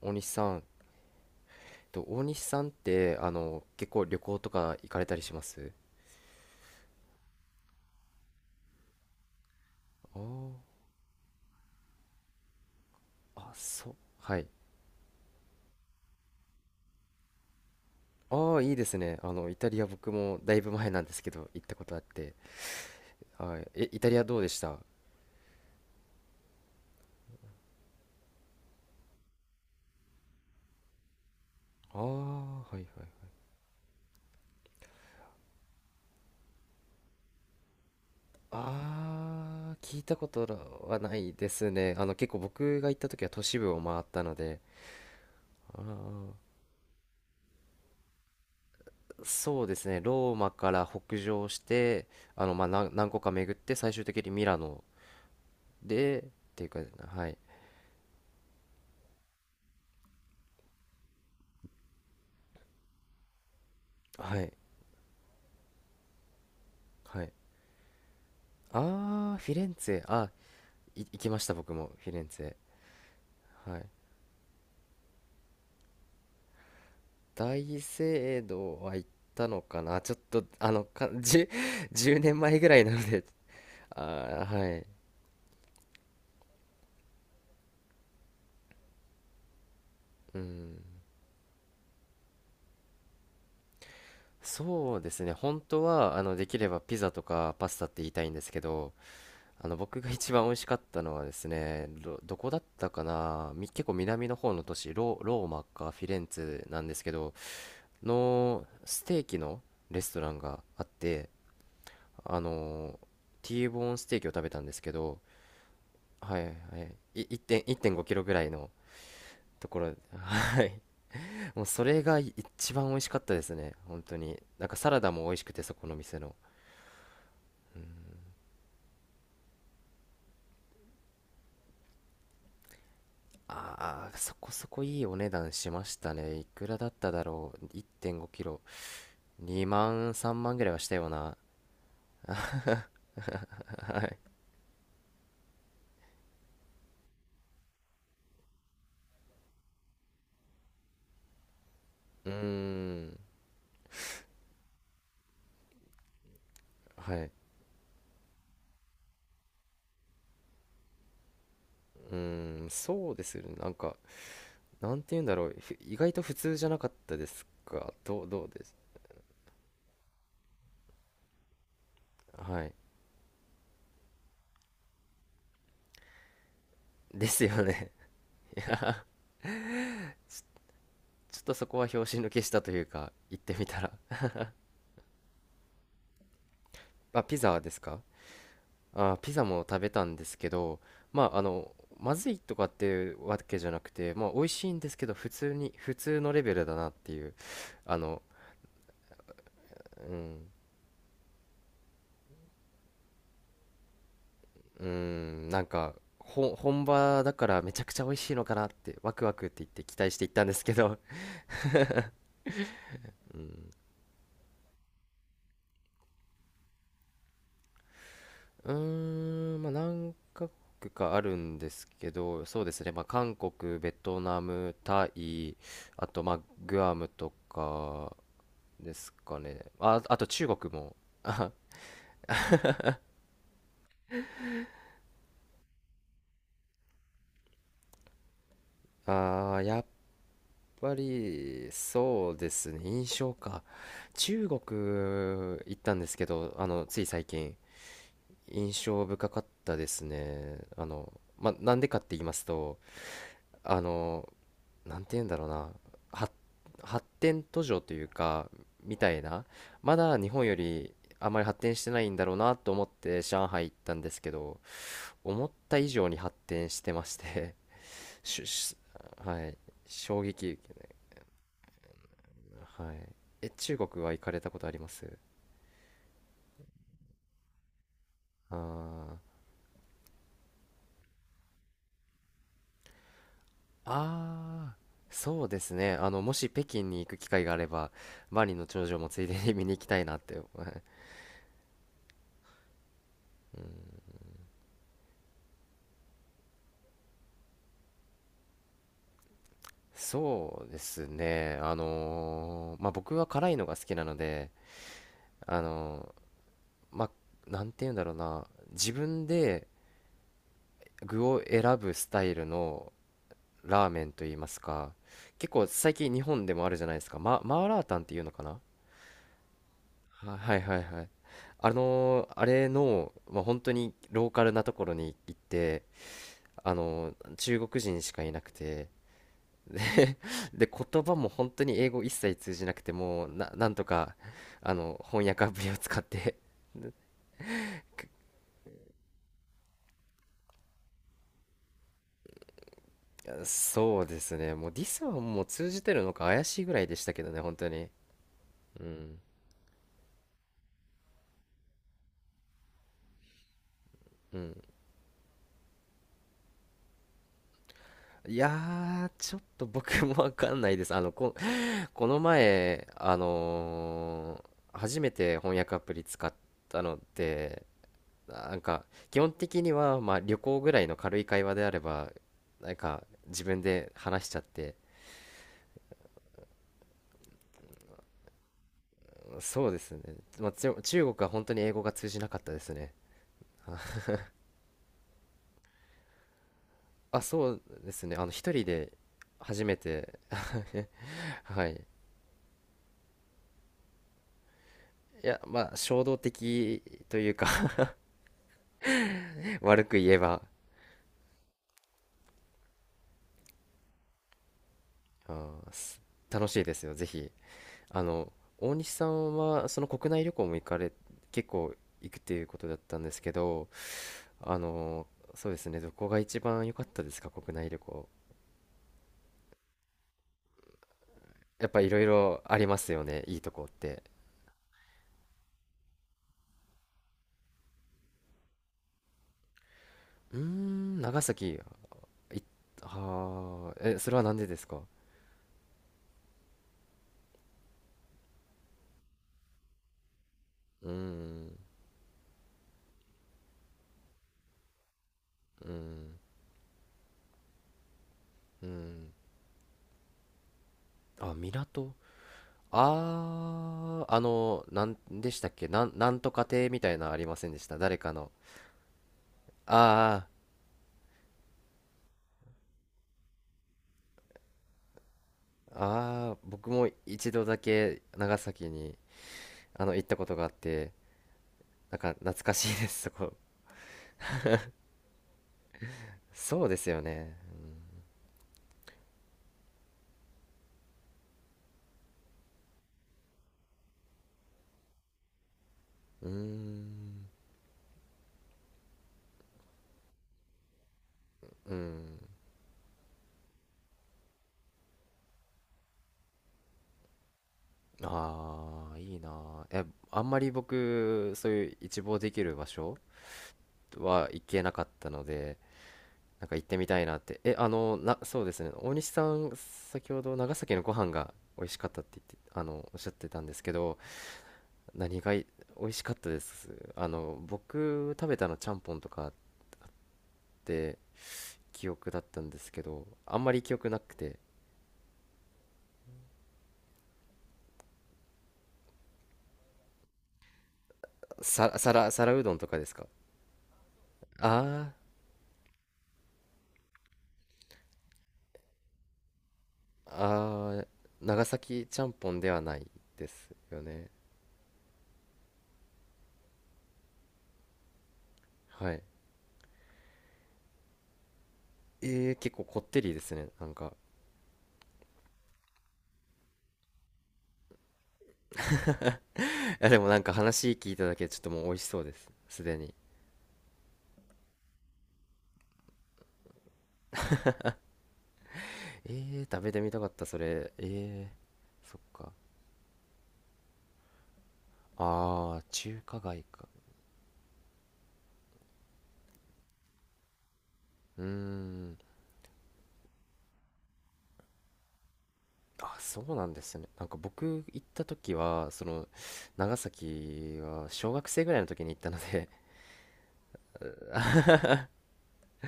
大西さん、大西さんって結構旅行とか行かれたりします？あー、あ、そう、はい。ああ、いいですね。イタリア僕もだいぶ前なんですけど行ったことあって、はい、イタリアどうでした？ああー、はいはい。ああ、聞いたことはないですね。結構僕が行った時は都市部を回ったので、あー、そうですね、ローマから北上して、まあ何個か巡って最終的にミラノでていうか、はい。はいはい。あー、フィレンツェ、あ、い行きました僕もフィレンツェ。はい。大聖堂は行ったのかな。ちょっとあのか 10 年前ぐらいなので。あー、はい。うん、そうですね。本当はできればピザとかパスタって言いたいんですけど、僕が一番美味しかったのはですね、どこだったかな、結構南の方の都市、ローマかフィレンツェなんですけど、のステーキのレストランがあって、あのーティーボーンステーキを食べたんですけど、はいはい、1.1.5キロぐらいのところ、はい、もうそれが一番美味しかったですね。本当になんかサラダも美味しくて、そこの店の。ああー、そこそこいいお値段しましたね。いくらだっただろう。1 5キロ2万3万ぐらいはしたような。うーん。はい、うーん、そうですよね。なんか、なんて言うんだろう、意外と普通じゃなかったですか？どうです？はい。ですよね。ちょっとそこは拍子抜けしたというか、行ってみたら。あ、ピザですか？あ、ピザも食べたんですけど、まあ、まずいとかっていうわけじゃなくて、まあ、美味しいんですけど、普通に、普通のレベルだなっていう、あの、うん、うん、なんか、本場だからめちゃくちゃ美味しいのかなって、ワクワクって言って期待して行ったんですけど、うん。うーん、まあ、何カ国かあるんですけど、そうですね、まあ、韓国、ベトナム、タイ、あと、まあ、グアムとかですかね。あ、あと中国も。あ、あー、やっぱり、そうですね、印象か。中国行ったんですけど、つい最近、印象深かったですね。まあ、なんでかって言いますと、あの、なんて言うんだろうな。発発展途上というか、みたいな、まだ日本よりあまり発展してないんだろうなと思って上海行ったんですけど、思った以上に発展してまして。 ししはい、衝撃。はい、中国は行かれたことあります？あー、あー、そうですね。もし北京に行く機会があれば万里の長城もついでに見に行きたいなって。そうですね。まあ、僕は辛いのが好きなので、あのまあ、なんて言うんだろうな。自分で具を選ぶスタイルのラーメンと言いますか。結構最近日本でもあるじゃないですか。マーラータンっていうのかな。はいはいはい。あれの、まあ、本当にローカルなところに行って、中国人しかいなくて、で、で言葉も本当に英語一切通じなくて、もうなんとか翻訳アプリを使って。そうですね、もうディスはもう通じてるのか怪しいぐらいでしたけどね、本当に。うん、うん。いやー、ちょっと僕もわかんないです。この前初めて翻訳アプリ使ったので。なんか基本的にはまあ旅行ぐらいの軽い会話であればなんか自分で話しちゃって。そうですね、まあ、中国は本当に英語が通じなかったですね。あ、そうですね、一人で初めて、はい。いや、まあ、衝動的というか、 悪く言えば。あー、楽しいですよ、ぜひ。あの、大西さんは、その国内旅行も行かれ、結構行くっていうことだったんですけど、あの、そうですね、どこが一番良かったですか、国内旅行。やっぱいろいろありますよね、いいとこって。うーん、長崎。いはあ、それはなんでですか？うーん、うん、うん。あ、港。ああ、なんでしたっけ、なんとか亭みたいなのありませんでした、誰かの。ああ、ああ、僕も一度だけ長崎に、行ったことがあって、なんか懐かしいです、そこ。そうですよね。うーん、うん。ああ、いいなあ。あんまり僕、そういう一望できる場所は行けなかったので、なんか行ってみたいなって。え、あの、な、そうですね。大西さん、先ほど長崎のご飯が美味しかったって言って、おっしゃってたんですけど、何が美味しかったです？僕食べたのちゃんぽんとかって記憶だったんですけど、あんまり記憶なくて、皿うどんとかですか？あー、あー、長崎ちゃんぽんではないですよね。はい。結構こってりですね。なんか。やでもなんか話聞いただけでちょっともう美味しそうです、すでに。え食べてみたかったそれ。そっか。あー、中華街か。うーん。あ、そうなんですね。なんか僕行った時はその長崎は小学生ぐらいの時に行ったので。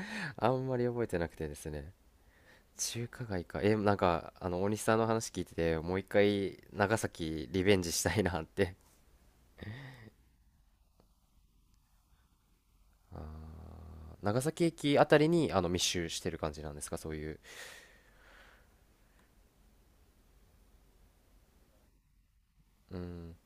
あんまり覚えてなくてですね。中華街か。なんか大西さんの話聞いててもう一回長崎リベンジしたいなって。長崎駅あたりに密集してる感じなんですか、そういう。うーん。